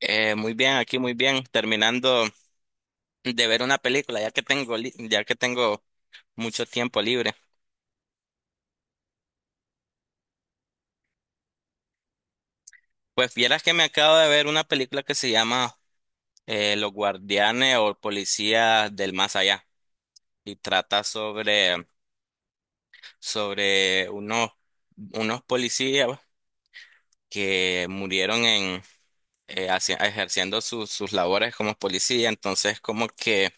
Muy bien, aquí muy bien, terminando de ver una película, ya que tengo, ya que tengo mucho tiempo libre. Pues vieras que me acabo de ver una película que se llama Los Guardianes o Policías del Más Allá y trata sobre unos policías que murieron ejerciendo sus labores como policía, entonces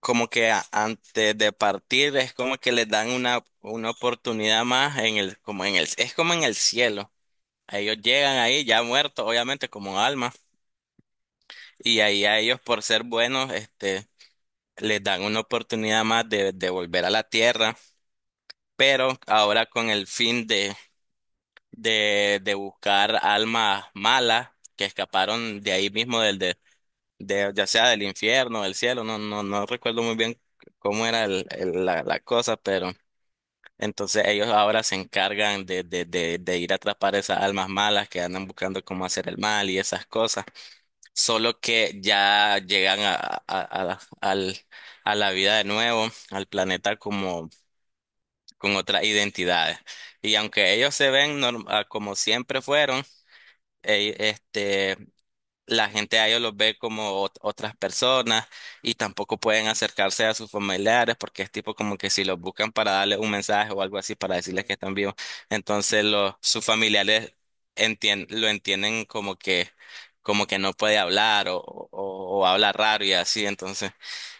como que antes de partir es como que les dan una oportunidad más en el, como en el, es como en el cielo. Ellos llegan ahí ya muertos, obviamente, como alma, y ahí a ellos por ser buenos, les dan una oportunidad más de volver a la tierra, pero ahora con el fin de buscar almas malas que escaparon de ahí mismo del, ya sea del infierno, del cielo, no, no, no recuerdo muy bien cómo era la cosa, pero entonces ellos ahora se encargan de ir a atrapar esas almas malas que andan buscando cómo hacer el mal y esas cosas. Solo que ya llegan a la vida de nuevo, al planeta como con otras identidades. Y aunque ellos se ven como siempre fueron, eh, este, la gente a ellos los ve como otras personas y tampoco pueden acercarse a sus familiares porque es tipo como que si los buscan para darles un mensaje o algo así para decirles que están vivos, entonces sus familiares lo entienden como que no puede hablar o habla raro y así, entonces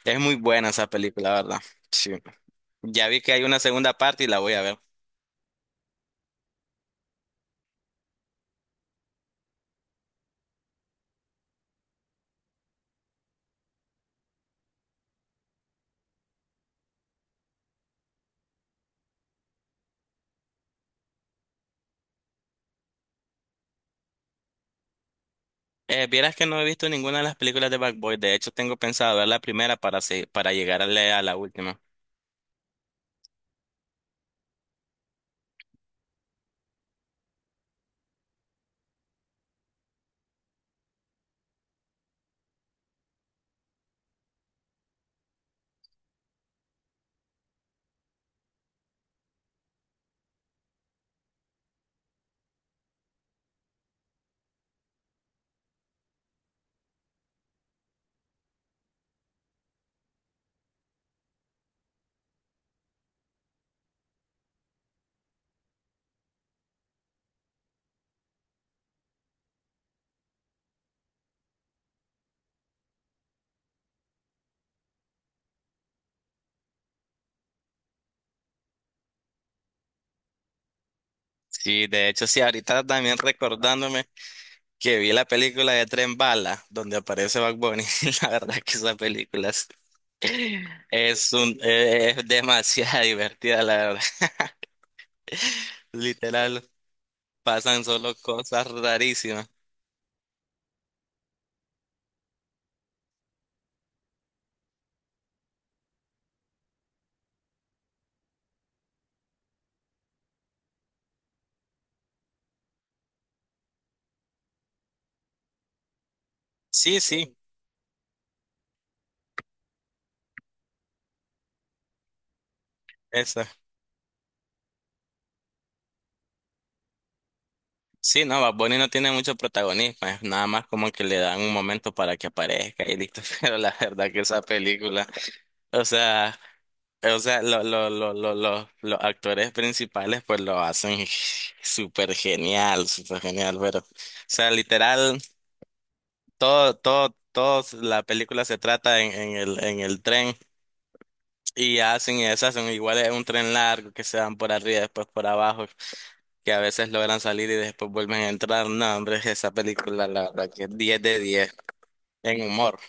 es muy buena esa película, la ¿verdad? Sí. Ya vi que hay una segunda parte y la voy a ver. Vieras que no he visto ninguna de las películas de Bad Boy. De hecho, tengo pensado ver la primera para llegarle a la última. Sí, de hecho, sí, ahorita también recordándome que vi la película de Tren Bala, donde aparece Bad Bunny. La verdad que esa película es un, es demasiado divertida, la verdad. Literal, pasan solo cosas rarísimas. Sí, sí, eso. Sí, no, Bad Bunny no tiene mucho protagonismo, es nada más como que le dan un momento para que aparezca y listo. Pero la verdad que esa película, o sea. O sea, los actores principales pues lo hacen súper genial, pero, o sea, literal, todo la película se trata en el tren y hacen y deshacen, igual es un tren largo que se dan por arriba, después por abajo, que a veces logran salir y después vuelven a entrar. No, hombre, esa película, la verdad que es 10 de 10 en humor.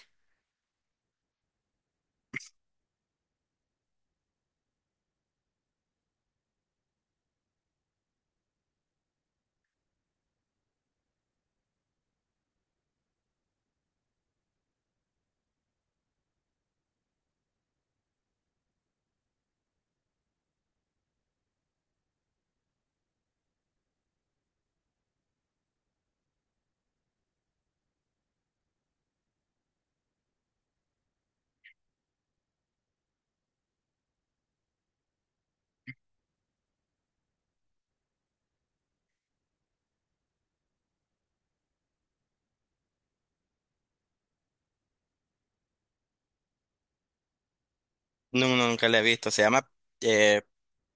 No, nunca la he visto, se llama eh,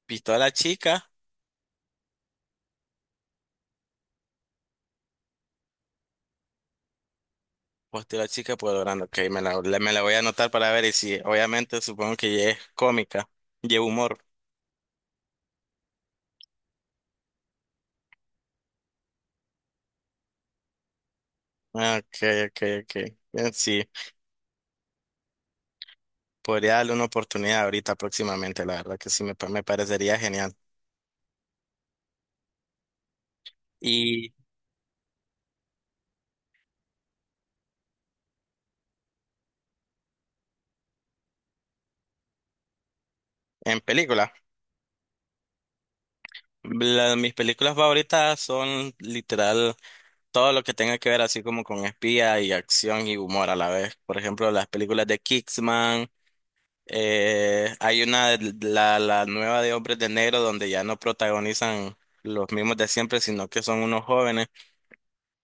Pistola Chica. Hostia, la chica logrando ok, me la voy a anotar para ver y si, obviamente, supongo que ya es cómica, lleva humor. Ah, ok, ok, ok. Sí, podría darle una oportunidad ahorita próximamente, la verdad que sí, me parecería genial. Y en película, mis películas favoritas son literal todo lo que tenga que ver así como con espía y acción y humor a la vez. Por ejemplo, las películas de Kingsman. Hay una, la nueva de Hombres de Negro, donde ya no protagonizan los mismos de siempre, sino que son unos jóvenes.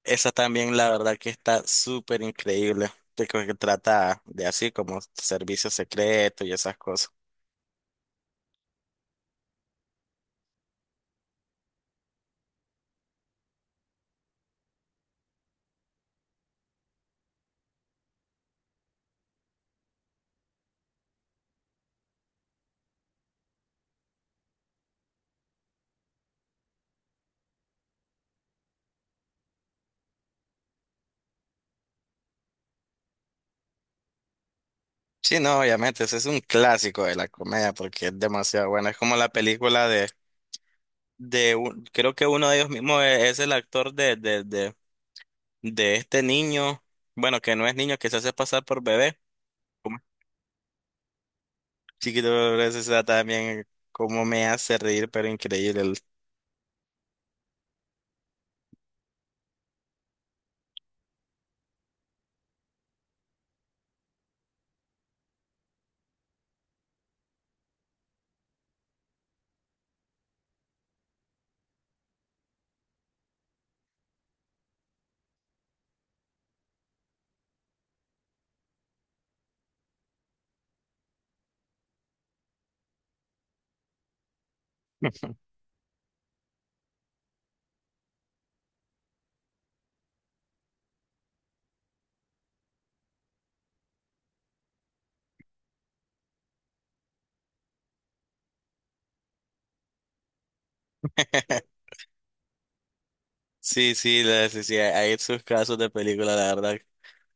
Esa también, la verdad, que está súper increíble. De que trata de así como servicio secreto y esas cosas. Sí, no, obviamente, ese es un clásico de la comedia porque es demasiado buena. Es como la película de creo que uno de ellos mismos es el actor de este niño, bueno, que no es niño, que se hace pasar por bebé. Chiquito, pero eso está también cómo me hace reír, pero increíble. Sí, sí, sí, sí, hay esos casos de películas, la verdad.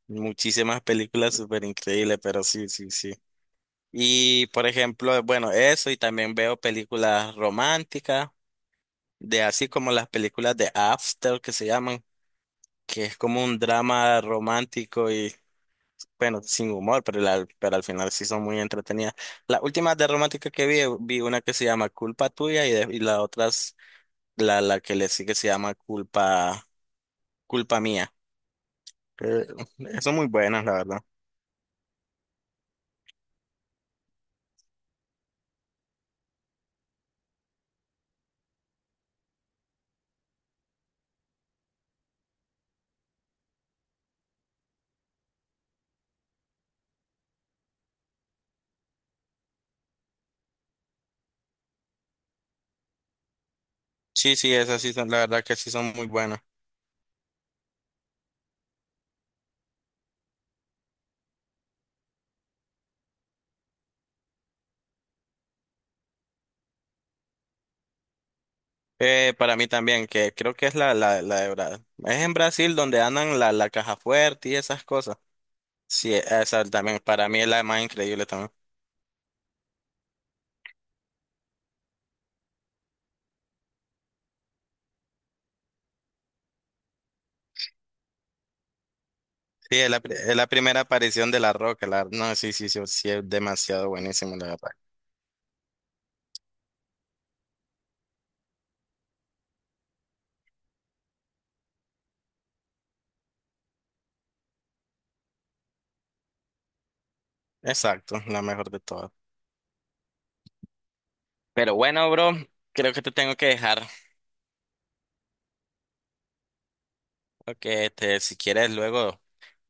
Muchísimas películas súper increíbles, pero sí, sí, sí. Y por ejemplo, bueno, eso, y también veo películas románticas, de así como las películas de After que se llaman, que es como un drama romántico y bueno, sin humor, pero, pero al final sí son muy entretenidas. Las últimas de romántica que vi, vi una que se llama Culpa Tuya y la otra, la la que le sigue se llama Culpa Mía, que son muy buenas, la verdad. Sí, sí, esas sí son, la verdad que sí son muy buenas. Para mí también, que creo que es la de Brasil. Es en Brasil donde andan la caja fuerte y esas cosas. Sí, esa también, para mí es la más increíble también. Sí, es es la primera aparición de La Roca. La, no, sí, sí, sí, sí, es demasiado buenísimo, la verdad. Exacto, la mejor de todas. Pero bueno, bro, creo que te tengo que dejar. Porque este, si quieres luego.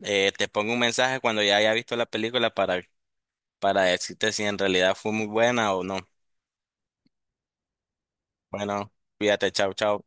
Te pongo un mensaje cuando ya haya visto la película para decirte si en realidad fue muy buena o no. Bueno, cuídate, chao, chao.